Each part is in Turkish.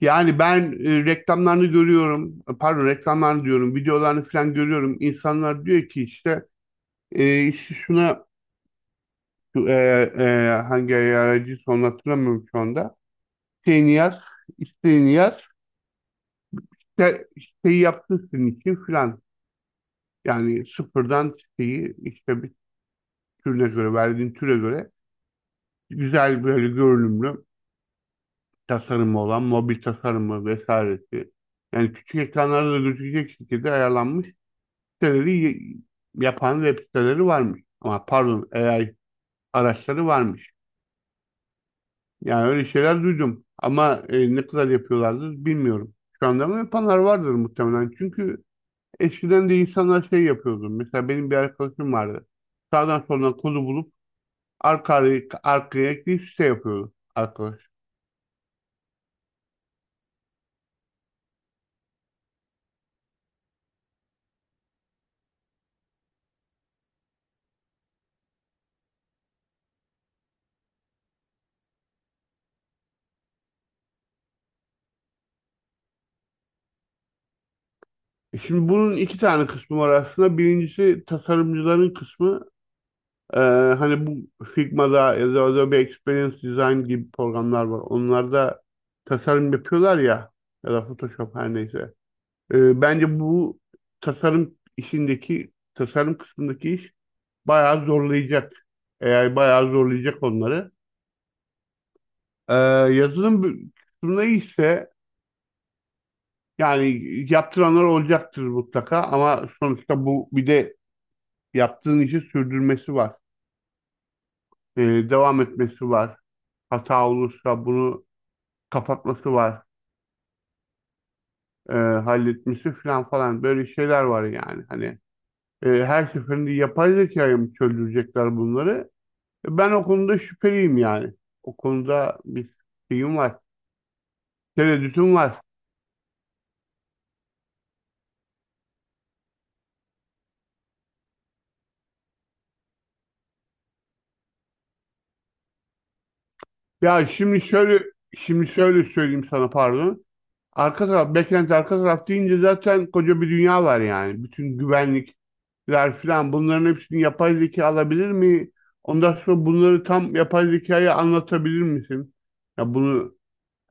Yani ben reklamlarını görüyorum, pardon, reklamlarını diyorum, videolarını falan görüyorum. İnsanlar diyor ki işte, işte şuna, e, hangi aracı son hatırlamıyorum şu anda. Şeyini yaz, isteğini yaz, işte, isteği yaptın senin için falan. Yani sıfırdan siteyi işte bir türüne göre, verdiğin türe göre güzel, böyle görünümlü, tasarımı olan, mobil tasarımı vesairesi. Yani küçük ekranlarda da gözükecek şekilde ayarlanmış siteleri yapan web siteleri varmış. Ama, pardon, AI araçları varmış. Yani öyle şeyler duydum. Ama ne kadar yapıyorlardır bilmiyorum. Şu anda mı yapanlar vardır, muhtemelen. Çünkü eskiden de insanlar şey yapıyordu. Mesela benim bir arkadaşım vardı. Sağdan soldan kodu bulup arka arkaya ekleyip site yapıyordu arkadaş. Şimdi bunun iki tane kısmı var aslında. Birincisi, tasarımcıların kısmı. Ee, Hani bu Figma'da ya da Adobe Experience Design gibi programlar var. Onlarda tasarım yapıyorlar ya, ya da Photoshop, her neyse. Bence bu tasarım işindeki, tasarım kısmındaki iş bayağı zorlayacak. AI bayağı zorlayacak onları. Ee, Yazılım kısmında ise, yani yaptıranlar olacaktır mutlaka, ama sonuçta bu, bir de yaptığın işi sürdürmesi var. Ee, Devam etmesi var. Hata olursa bunu kapatması var, halletmesi falan falan, böyle şeyler var yani. Hani, her seferinde yapay zekaya mı çözdürecekler bunları? Ben o konuda şüpheliyim yani. O konuda bir şeyim var, tereddütüm var. Ya, şimdi şöyle söyleyeyim sana, pardon. Arka taraf, backend, arka taraf deyince zaten koca bir dünya var yani. Bütün güvenlikler falan, bunların hepsini yapay zeka alabilir mi? Ondan sonra bunları tam yapay zekaya anlatabilir misin? Ya bunu.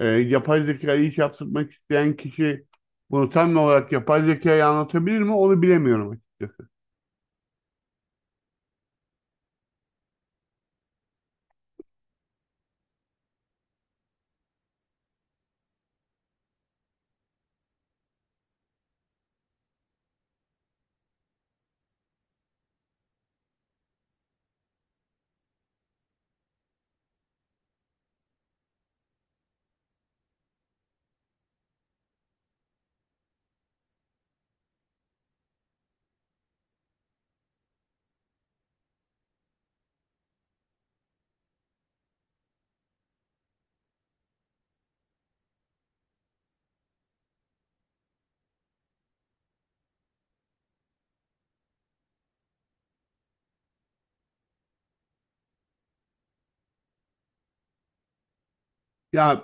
Yapay zekayı iş yaptırmak isteyen kişi bunu tam olarak yapay zekayı anlatabilir mi? Onu bilemiyorum açıkçası. Ya,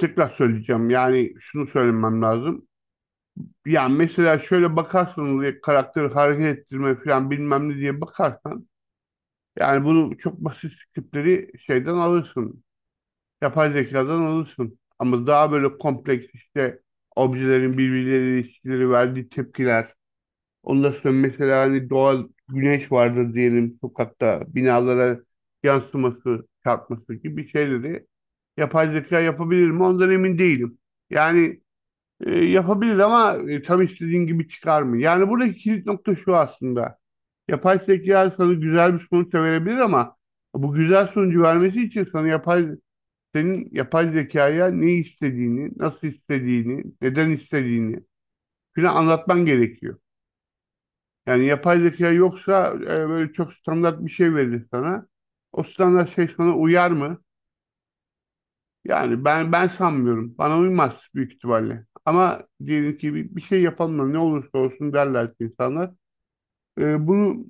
tekrar söyleyeceğim. Yani şunu söylemem lazım. Yani mesela şöyle bakarsanız, ya karakteri hareket ettirme falan bilmem ne diye bakarsan, yani bunu çok basit tipleri şeyden alırsın. Yapay zekadan alırsın. Ama daha böyle kompleks işte, objelerin birbirleriyle ilişkileri, verdiği tepkiler, ondan sonra mesela hani doğal güneş vardır diyelim, sokakta binalara yansıması, çarpması gibi şeyleri yapay zeka yapabilir mi? Ondan emin değilim. Yani yapabilir, ama tam istediğin gibi çıkar mı? Yani buradaki kilit nokta şu aslında. Yapay zeka sana güzel bir sonuç da verebilir, ama bu güzel sonucu vermesi için sana yapay senin yapay zekaya ne istediğini, nasıl istediğini, neden istediğini filan anlatman gerekiyor. Yani yapay zeka yoksa böyle çok standart bir şey verir sana. O standart şey sana uyar mı? Yani ben sanmıyorum. Bana uymaz büyük ihtimalle. Ama diyelim ki bir şey yapalım da ne olursa olsun, derler ki insanlar. Bunu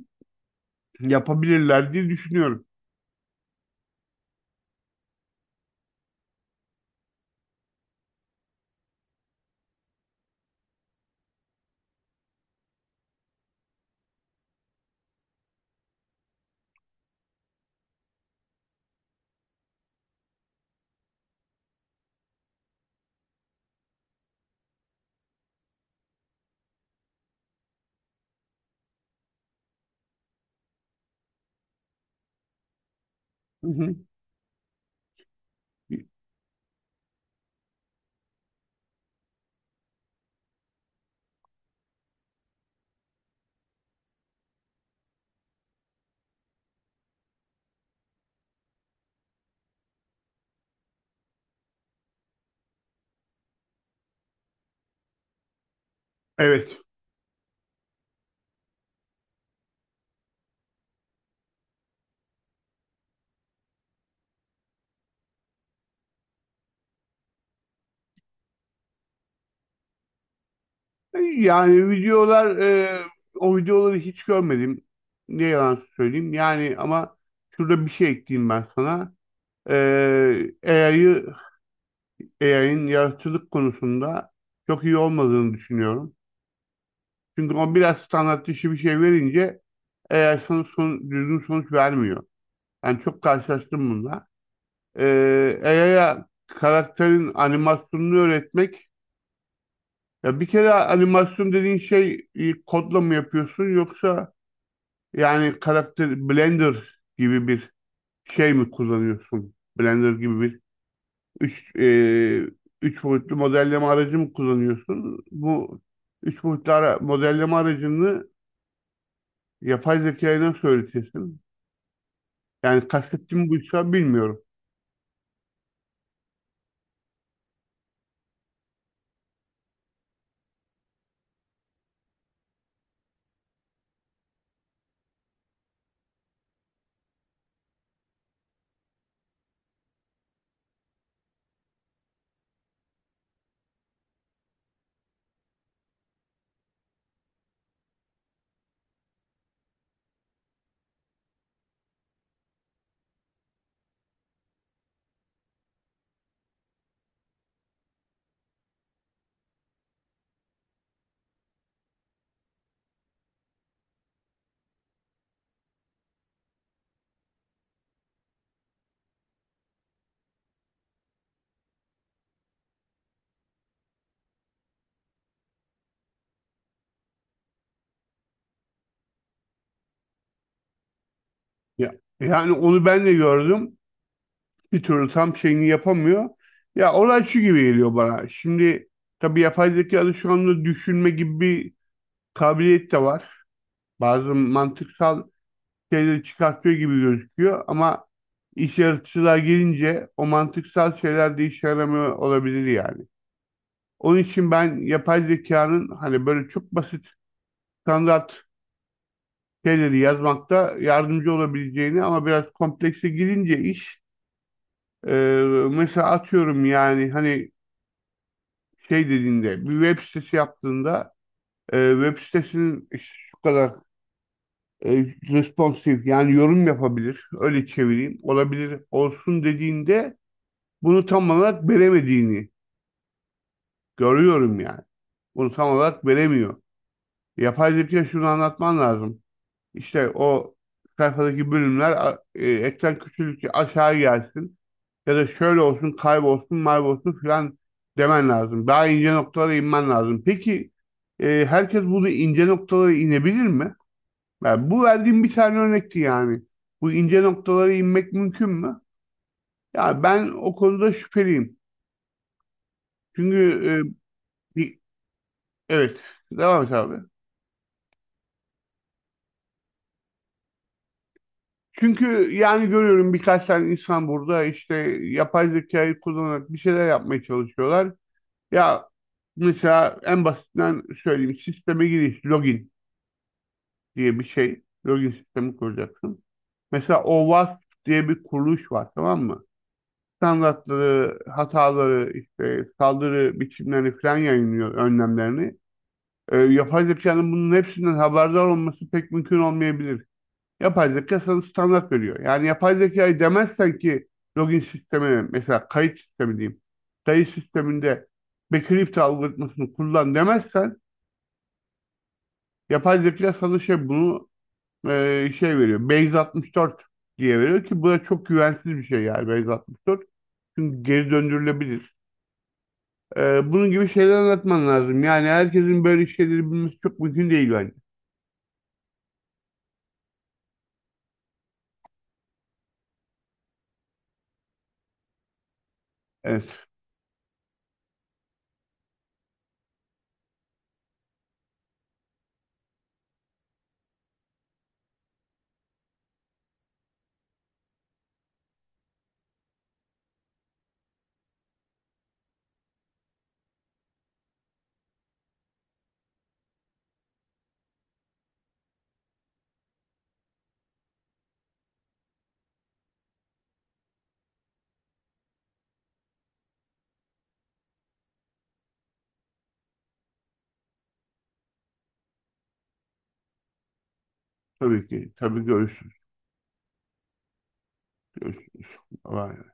yapabilirler diye düşünüyorum. Hı hı. Evet. Yani videolar, o videoları hiç görmedim, ne yalan söyleyeyim. Yani, ama şurada bir şey ekleyeyim ben sana. E, A I'yı AI'nin yaratıcılık konusunda çok iyi olmadığını düşünüyorum. Çünkü o biraz standart dışı bir şey verince AI düzgün sonuç vermiyor. Yani çok karşılaştım bununla. AI'ya karakterin animasyonunu öğretmek. Ya, bir kere animasyon dediğin şey, kodla mı yapıyorsun, yoksa yani karakter Blender gibi bir şey mi kullanıyorsun? Blender gibi bir. Üç, e, Üç boyutlu modelleme aracı mı kullanıyorsun? Bu üç boyutlu modelleme aracını yapay zekaya nasıl öğretirsin? Yani kastettiğim buysa, bilmiyorum. Ya, yani onu ben de gördüm. Bir türlü tam şeyini yapamıyor. Ya, olay şu gibi geliyor bana. Şimdi tabii yapay zekada şu anda düşünme gibi bir kabiliyet de var. Bazı mantıksal şeyleri çıkartıyor gibi gözüküyor, ama iş yaratıcılığa gelince o mantıksal şeyler de işe yaramıyor olabilir yani. Onun için ben yapay zekanın hani böyle çok basit, standart şeyleri yazmakta yardımcı olabileceğini, ama biraz komplekse girince iş, e, mesela atıyorum yani, hani şey dediğinde bir web sitesi yaptığında, web sitesinin işte şu kadar, e, responsif, yani yorum yapabilir, öyle çevireyim, olabilir olsun dediğinde, bunu tam olarak veremediğini görüyorum yani. Bunu tam olarak veremiyor. Yapay zeka şunu anlatman lazım. İşte o sayfadaki bölümler ekran küçüldükçe aşağı gelsin, ya da şöyle olsun, kaybolsun, maybolsun filan, demen lazım. Daha ince noktalara inmen lazım. Peki, herkes bunu ince noktalara inebilir mi? Yani bu verdiğim bir tane örnekti yani. Bu ince noktalara inmek mümkün mü? Ya, ben o konuda şüpheliyim. Çünkü e, Evet, devam et, abi. Çünkü yani görüyorum, birkaç tane insan burada işte yapay zekayı kullanarak bir şeyler yapmaya çalışıyorlar. Ya, mesela en basitinden söyleyeyim, sisteme giriş, login diye bir şey. Login sistemi kuracaksın. Mesela OWASP diye bir kuruluş var, tamam mı? Standartları, hataları, işte saldırı biçimlerini falan yayınlıyor, önlemlerini. Yapay zekanın bunun hepsinden haberdar olması pek mümkün olmayabilir. Yapay zeka sana standart veriyor. Yani yapay zekayı demezsen ki login sistemi, mesela kayıt sistemi diyeyim. Kayıt sisteminde Bakelite algoritmasını kullan demezsen, yapay zeka sana şey, bunu şey veriyor. Base 64 diye veriyor ki bu da çok güvensiz bir şey yani, Base 64. Çünkü geri döndürülebilir. Bunun gibi şeyler anlatman lazım. Yani herkesin böyle şeyleri bilmesi çok mümkün değil bence. Evet. Tabii ki. Tabii, görüşürüz. Görüşürüz. Bye.